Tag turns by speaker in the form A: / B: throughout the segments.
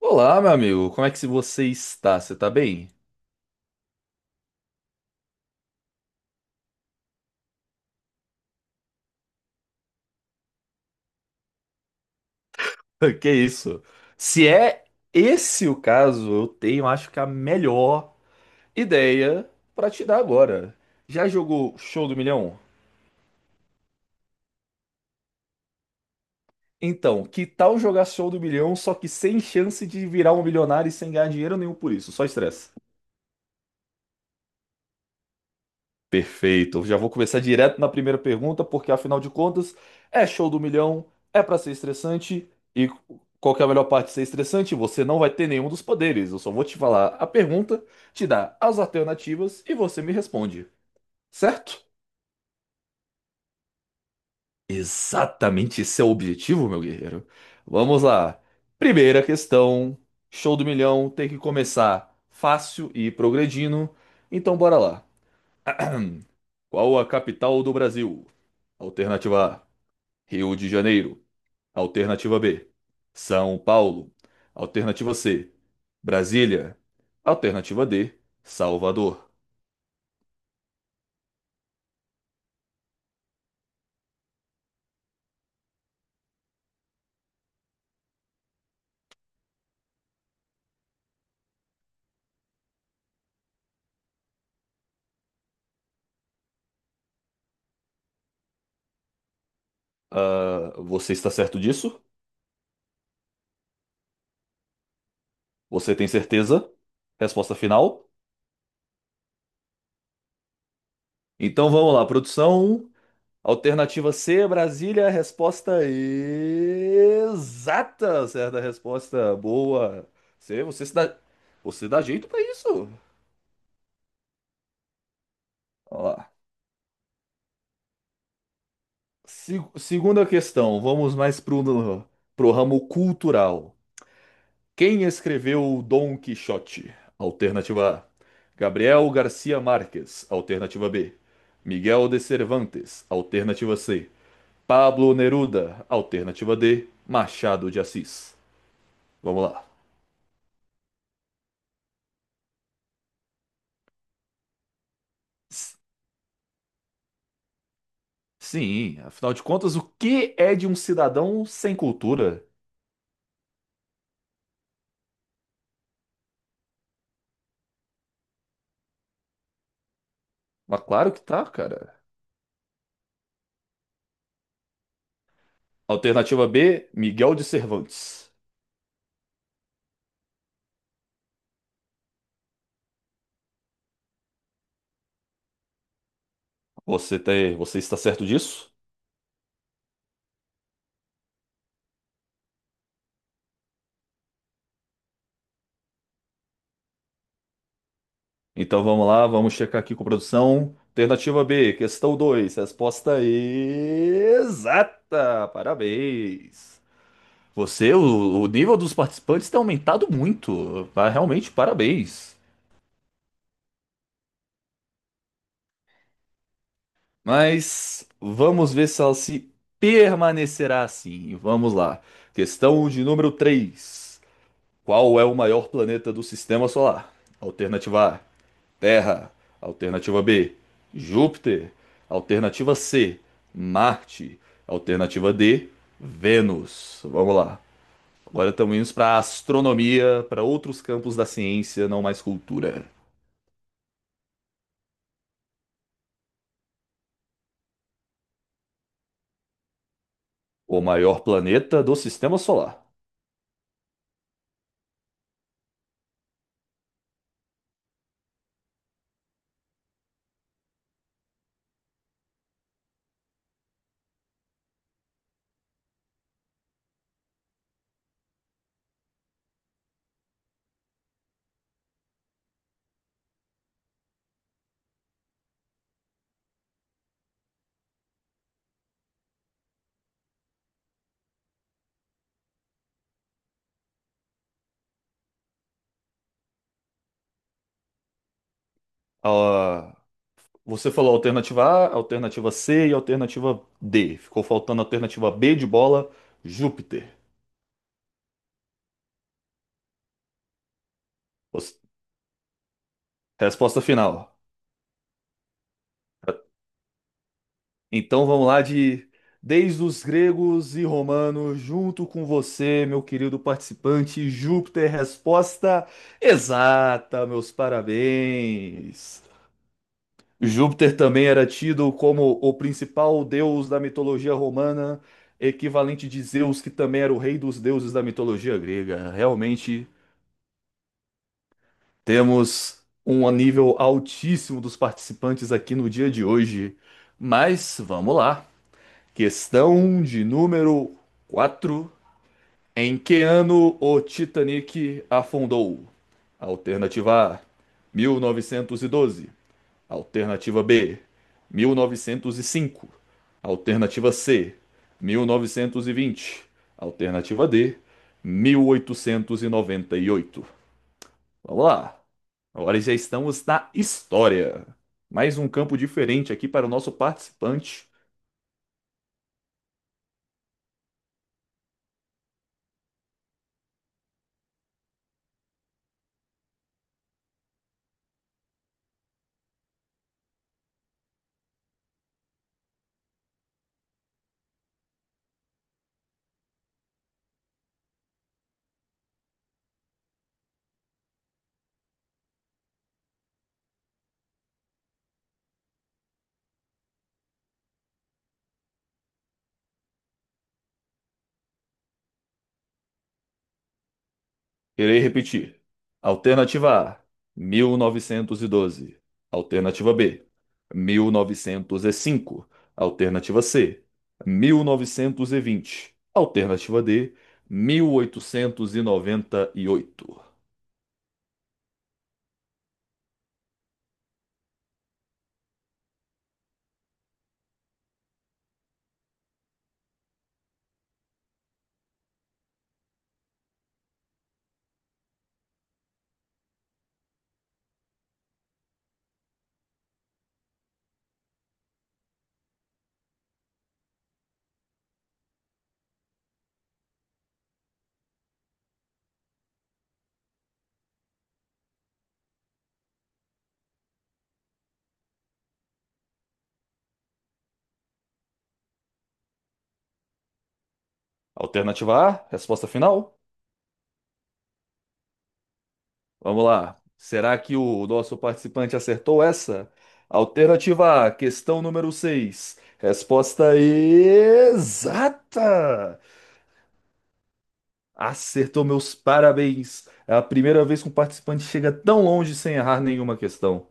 A: Olá, meu amigo, como é que você está? Você tá bem? Que isso? Se é esse o caso, eu tenho, acho que a melhor ideia pra te dar agora. Já jogou Show do Milhão? Então, que tal jogar Show do Milhão, só que sem chance de virar um milionário e sem ganhar dinheiro nenhum por isso, só estresse. Perfeito. Eu já vou começar direto na primeira pergunta, porque afinal de contas, é Show do Milhão, é pra ser estressante e qual que é a melhor parte de ser estressante? Você não vai ter nenhum dos poderes. Eu só vou te falar a pergunta, te dar as alternativas e você me responde, certo? Exatamente, esse é o objetivo, meu guerreiro. Vamos lá. Primeira questão, Show do Milhão, tem que começar fácil e ir progredindo. Então bora lá. Qual a capital do Brasil? Alternativa A, Rio de Janeiro; alternativa B, São Paulo; alternativa C, Brasília; alternativa D, Salvador. Ah, você está certo disso? Você tem certeza? Resposta final? Então vamos lá, produção. Alternativa C, Brasília, resposta exata. Certa resposta, boa. Você, você se dá, você dá jeito para isso. Vamos lá. Segunda questão, pro ramo cultural. Quem escreveu o Dom Quixote? Alternativa A, Gabriel Garcia Marques; alternativa B, Miguel de Cervantes; alternativa C, Pablo Neruda; alternativa D, Machado de Assis. Vamos lá. S- Sim, afinal de contas, o que é de um cidadão sem cultura? Mas claro que tá, cara. Alternativa B, Miguel de Cervantes. Você está certo disso? Então vamos lá, vamos checar aqui com produção. Alternativa B, questão 2, resposta exata. Parabéns. O nível dos participantes tem aumentado muito. Realmente, parabéns. Mas vamos ver se ela se permanecerá assim. Vamos lá. Questão de número 3, qual é o maior planeta do sistema solar? Alternativa A, Terra; alternativa B, Júpiter; alternativa C, Marte; alternativa D, Vênus. Vamos lá. Agora estamos indo para a astronomia, para outros campos da ciência, não mais cultura. O maior planeta do sistema solar. Ah, você falou alternativa A, alternativa C e alternativa D. Ficou faltando a alternativa B de bola, Júpiter. Os- Resposta final. Então vamos lá de Desde os gregos e romanos, junto com você, meu querido participante, Júpiter, resposta exata, meus parabéns. Júpiter também era tido como o principal deus da mitologia romana, equivalente de Zeus, que também era o rei dos deuses da mitologia grega. Realmente temos um nível altíssimo dos participantes aqui no dia de hoje. Mas vamos lá. Questão de número 4. Em que ano o Titanic afundou? Alternativa A, 1912; alternativa B, 1905; alternativa C, 1920; alternativa D, 1898. Vamos lá. Agora já estamos na história. Mais um campo diferente aqui para o nosso participante. Irei repetir. Alternativa A, 1912; alternativa B, 1905; alternativa C, 1920; alternativa D, mil oitocentos e noventa e oito. Alternativa A, resposta final? Vamos lá. Será que o nosso participante acertou essa? Alternativa A, questão número 6. Resposta exata! Acertou, meus parabéns! É a primeira vez que um participante chega tão longe sem errar nenhuma questão.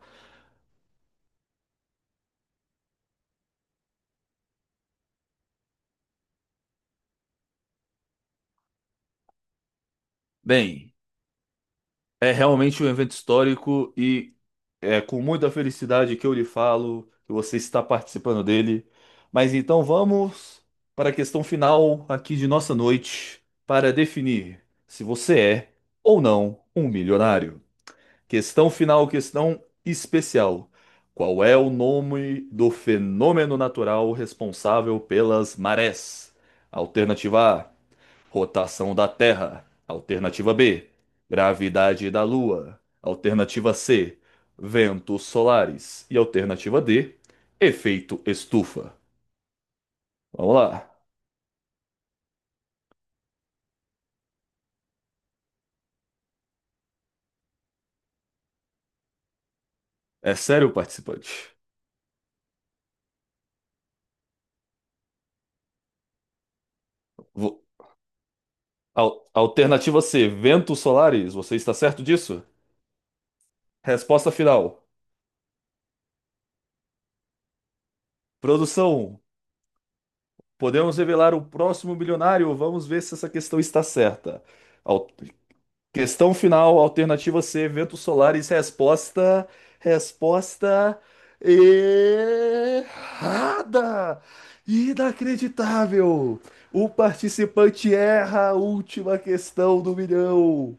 A: Bem, é realmente um evento histórico e é com muita felicidade que eu lhe falo que você está participando dele. Mas então vamos para a questão final aqui de nossa noite para definir se você é ou não um milionário. Questão final, questão especial. Qual é o nome do fenômeno natural responsável pelas marés? Alternativa A, rotação da Terra; alternativa B, gravidade da Lua; alternativa C, ventos solares; e alternativa D, efeito estufa. Vamos lá. É sério, participante? Vo- Alternativa C, ventos solares. Você está certo disso? Resposta final. Produção. Podemos revelar o próximo bilionário? Vamos ver se essa questão está certa. Al- Questão final, alternativa C, eventos solares, resposta errada! Inacreditável! O participante erra a última questão do milhão.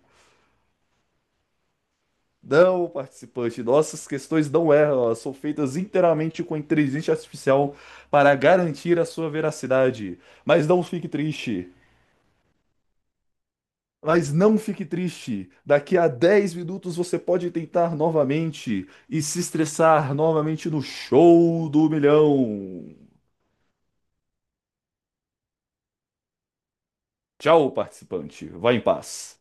A: Não, participante, nossas questões não erram, elas são feitas inteiramente com inteligência artificial para garantir a sua veracidade. Mas não fique triste. Mas não fique triste. Daqui a 10 minutos você pode tentar novamente e se estressar novamente no Show do Milhão. Tchau, participante. Vá em paz.